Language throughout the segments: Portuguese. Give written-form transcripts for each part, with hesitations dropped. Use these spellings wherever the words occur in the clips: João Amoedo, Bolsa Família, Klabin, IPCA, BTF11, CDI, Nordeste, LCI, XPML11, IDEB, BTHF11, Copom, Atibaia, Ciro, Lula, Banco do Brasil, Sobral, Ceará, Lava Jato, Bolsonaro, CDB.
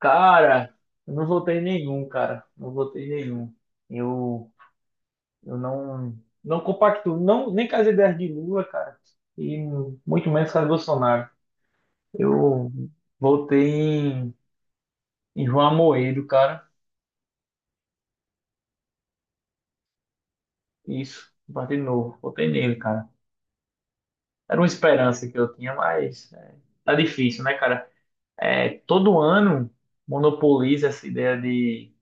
Cara, eu não votei em nenhum, cara. Não votei em nenhum. Eu, eu não, não compacto, não, nem com as ideias de Lula, cara, e muito menos com as Bolsonaro. Eu votei em João Amoedo, cara. Isso, um partido novo. Votei nele, cara. Era uma esperança que eu tinha, mas é, tá difícil, né, cara? É, todo ano monopoliza essa ideia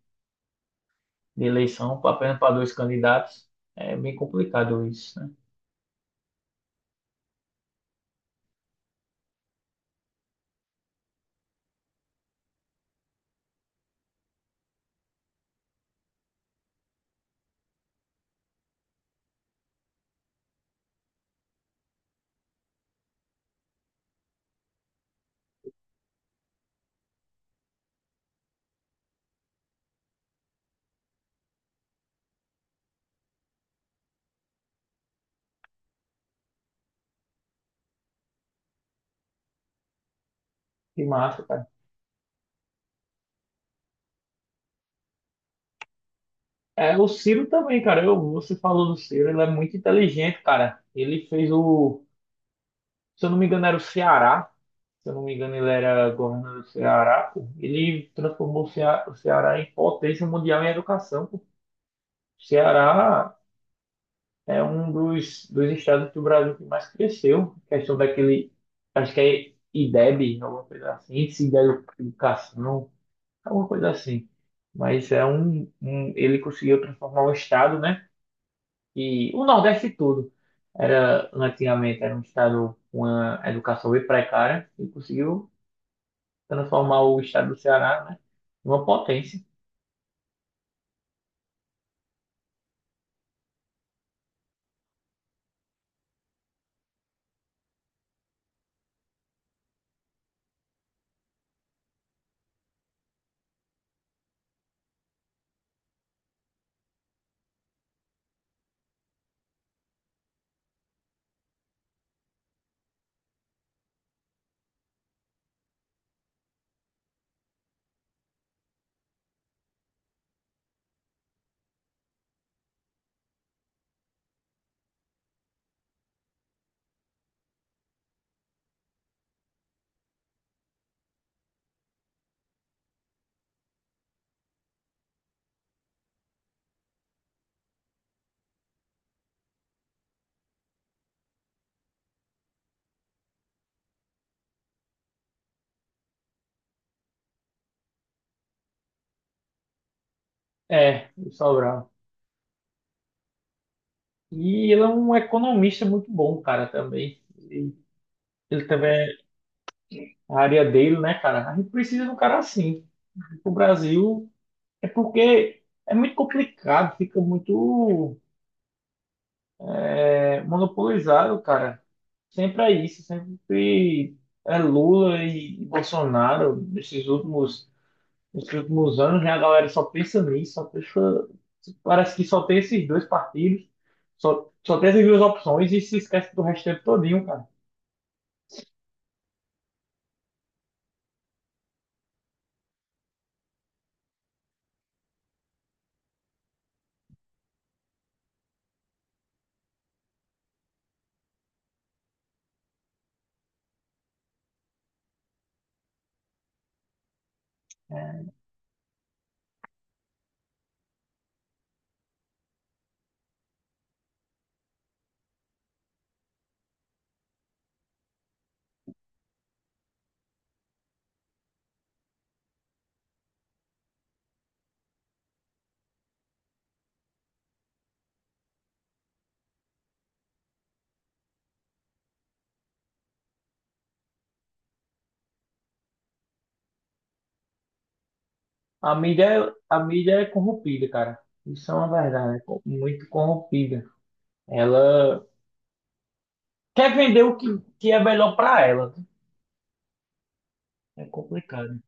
de eleição apenas para dois candidatos. É bem complicado isso, né? Que massa, cara. É, o Ciro também, cara. Eu, você falou do Ciro, ele é muito inteligente, cara. Ele fez o, se eu não me engano, era o Ceará. Se eu não me engano, ele era governador do Ceará. Pô. Ele transformou o o Ceará em potência mundial em educação. Pô. O Ceará é um dos estados do Brasil que mais cresceu. Questão daquele, acho que é IDEB, alguma coisa assim, Índice de Educação, alguma coisa assim. Mas é um ele conseguiu transformar o estado, né? E o Nordeste todo era né, antigamente era um estado com uma educação bem precária e conseguiu transformar o estado do Ceará, né, em uma potência. É, o Sobral. E ele é um economista muito bom, cara, também. E ele também é a área dele, né, cara? A gente precisa de um cara assim. O Brasil é porque é muito complicado, fica muito é, monopolizaram, cara. Sempre é isso, sempre é Lula e Bolsonaro. Nesses últimos anos, né, a galera só pensa nisso, só pensa, parece que só tem esses dois partidos, só tem essas duas opções e se esquece do restante todinho, cara. É, a mídia é corrompida, cara. Isso é uma verdade, é muito corrompida. Ela quer vender o que, que é melhor pra ela, né? É complicado.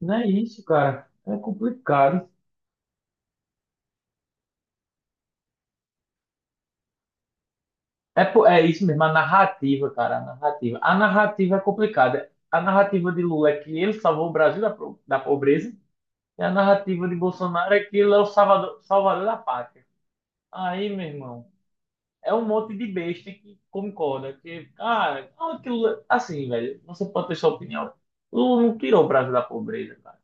Não é isso, cara. É complicado. É, é isso mesmo, a narrativa, cara. A narrativa. A narrativa é complicada. A narrativa de Lula é que ele salvou o Brasil da, da pobreza. E a narrativa de Bolsonaro é que ele é o salvador, salvador da pátria. Aí, meu irmão, é um monte de besta que concorda. Que, cara, ah, que Lula. Assim, velho, você pode ter sua opinião. Lula não tirou o Brasil da pobreza, cara.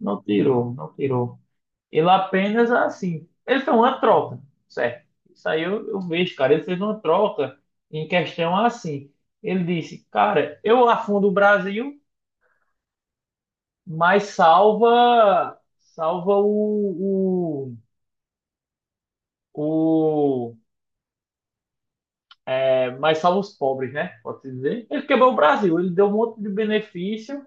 Não tirou, não tirou. Ele apenas, assim, ele fez uma troca, certo? Isso aí eu vejo, cara. Ele fez uma troca em questão assim. Ele disse, cara, eu afundo o Brasil, mas salva, salva o, o- é, mas salva os pobres, né? Pode-se dizer. Ele quebrou o Brasil, ele deu um monte de benefício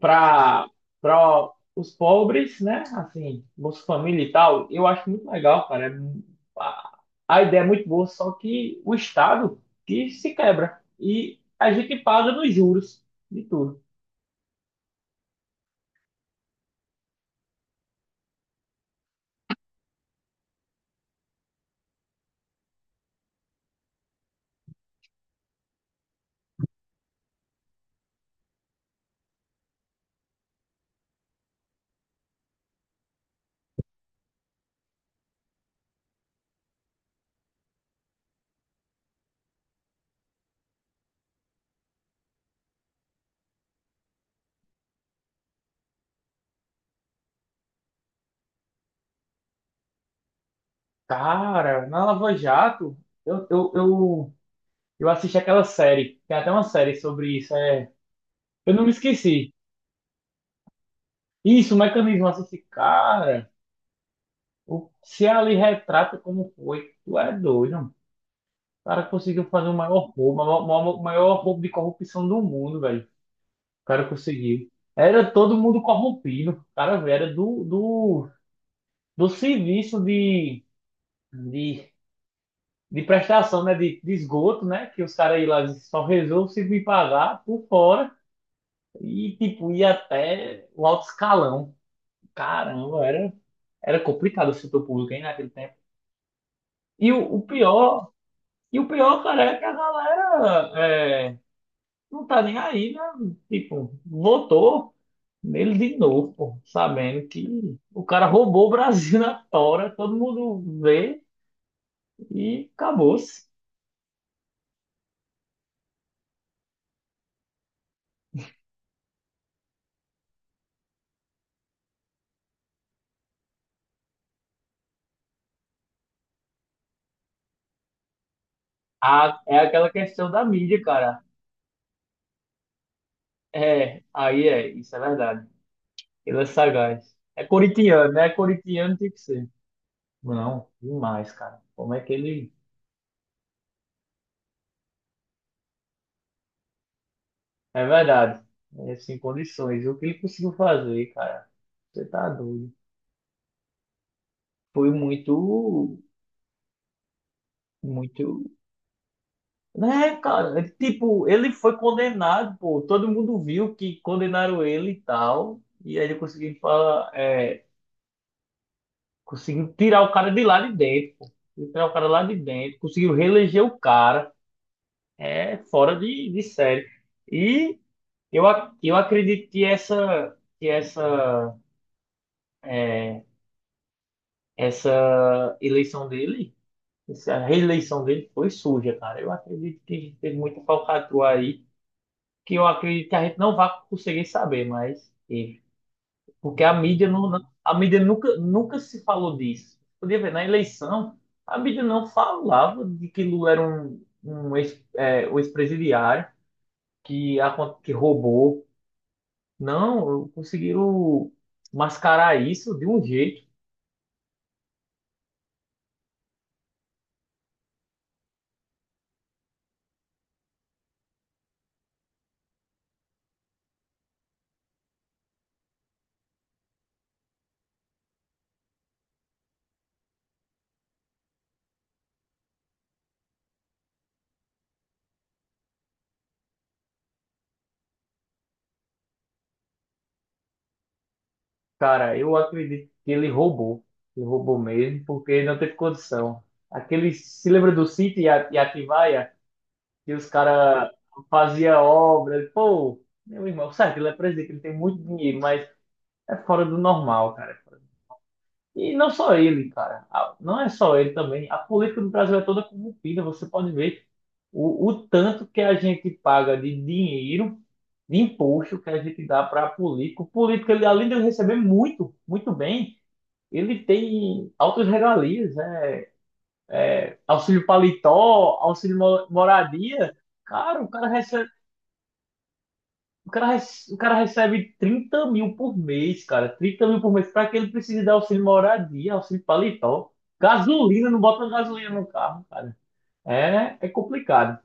para para os pobres, né? Assim, Bolsa Família e tal, eu acho muito legal, cara. A, a ideia é muito boa, só que o Estado que se quebra e a gente paga nos juros de tudo. Cara, na Lava Jato, eu, eu, eu, eu assisti aquela série, tem até uma série sobre isso, é, eu não me esqueci. Isso, o mecanismo assisti, cara, o, se ali retrata como foi, tu é doido. O cara conseguiu fazer o maior roubo, o maior roubo de corrupção do mundo, velho. O cara conseguiu. Era todo mundo corrompido. O cara, velho, era do serviço de, de prestação, né? De esgoto, né? Que os caras aí lá só resolvem se me pagar por fora. E, tipo, ia até o alto escalão. Caramba, era complicado o setor público, hein, naquele tempo. E e o pior, cara, é que a galera, é, não tá nem aí, né? Tipo, votou nele de novo, pô, sabendo que o cara roubou o Brasil na tora, todo mundo vê e acabou-se. Ah, é aquela questão da mídia, cara. É, aí é, isso é verdade. Ele é sagaz. É corintiano, né? Corintiano tem que ser. Não, demais, cara. Como é que ele. É verdade. É, sem condições. E o que ele conseguiu fazer, cara? Você tá doido. Foi muito, muito. Né, cara? Tipo, ele foi condenado, pô. Todo mundo viu que condenaram ele e tal. E aí ele conseguiu falar, é, conseguiu tirar o cara de lá de dentro, pô. Conseguiu tirar o cara lá de dentro, conseguiu reeleger o cara. É fora de série. E eu, eu acredito que é, essa eleição dele, essa reeleição dele foi suja, cara. Eu acredito que teve muita falcatrua aí que eu acredito que a gente não vai conseguir saber, mas teve. Porque a mídia a mídia nunca se falou disso. Podia ver, na eleição, a mídia não falava de que Lula era um ex, é, um ex-presidiário que, que roubou. Não, conseguiram mascarar isso de um jeito. Cara, eu acredito que ele roubou. Ele roubou mesmo, porque não teve condição. Aquele, se lembra do sítio e a e Atibaia? E os caras faziam obra. Pô, meu irmão, certo, ele é presidente, ele tem muito dinheiro, mas é fora do normal, cara. E não só ele, cara. A- Não é só ele também. A política do Brasil é toda corrompida, você pode ver o tanto que a gente paga de dinheiro, de imposto que a gente dá para político. O político, ele, além de receber muito, muito bem, ele tem altas regalias, né? Auxílio paletó, auxílio moradia. Cara, o cara recebe. O cara, o cara recebe 30 mil por mês, cara. 30 mil por mês. Para que ele precise dar auxílio moradia, auxílio paletó? Gasolina, não bota gasolina no carro, cara. É, é complicado.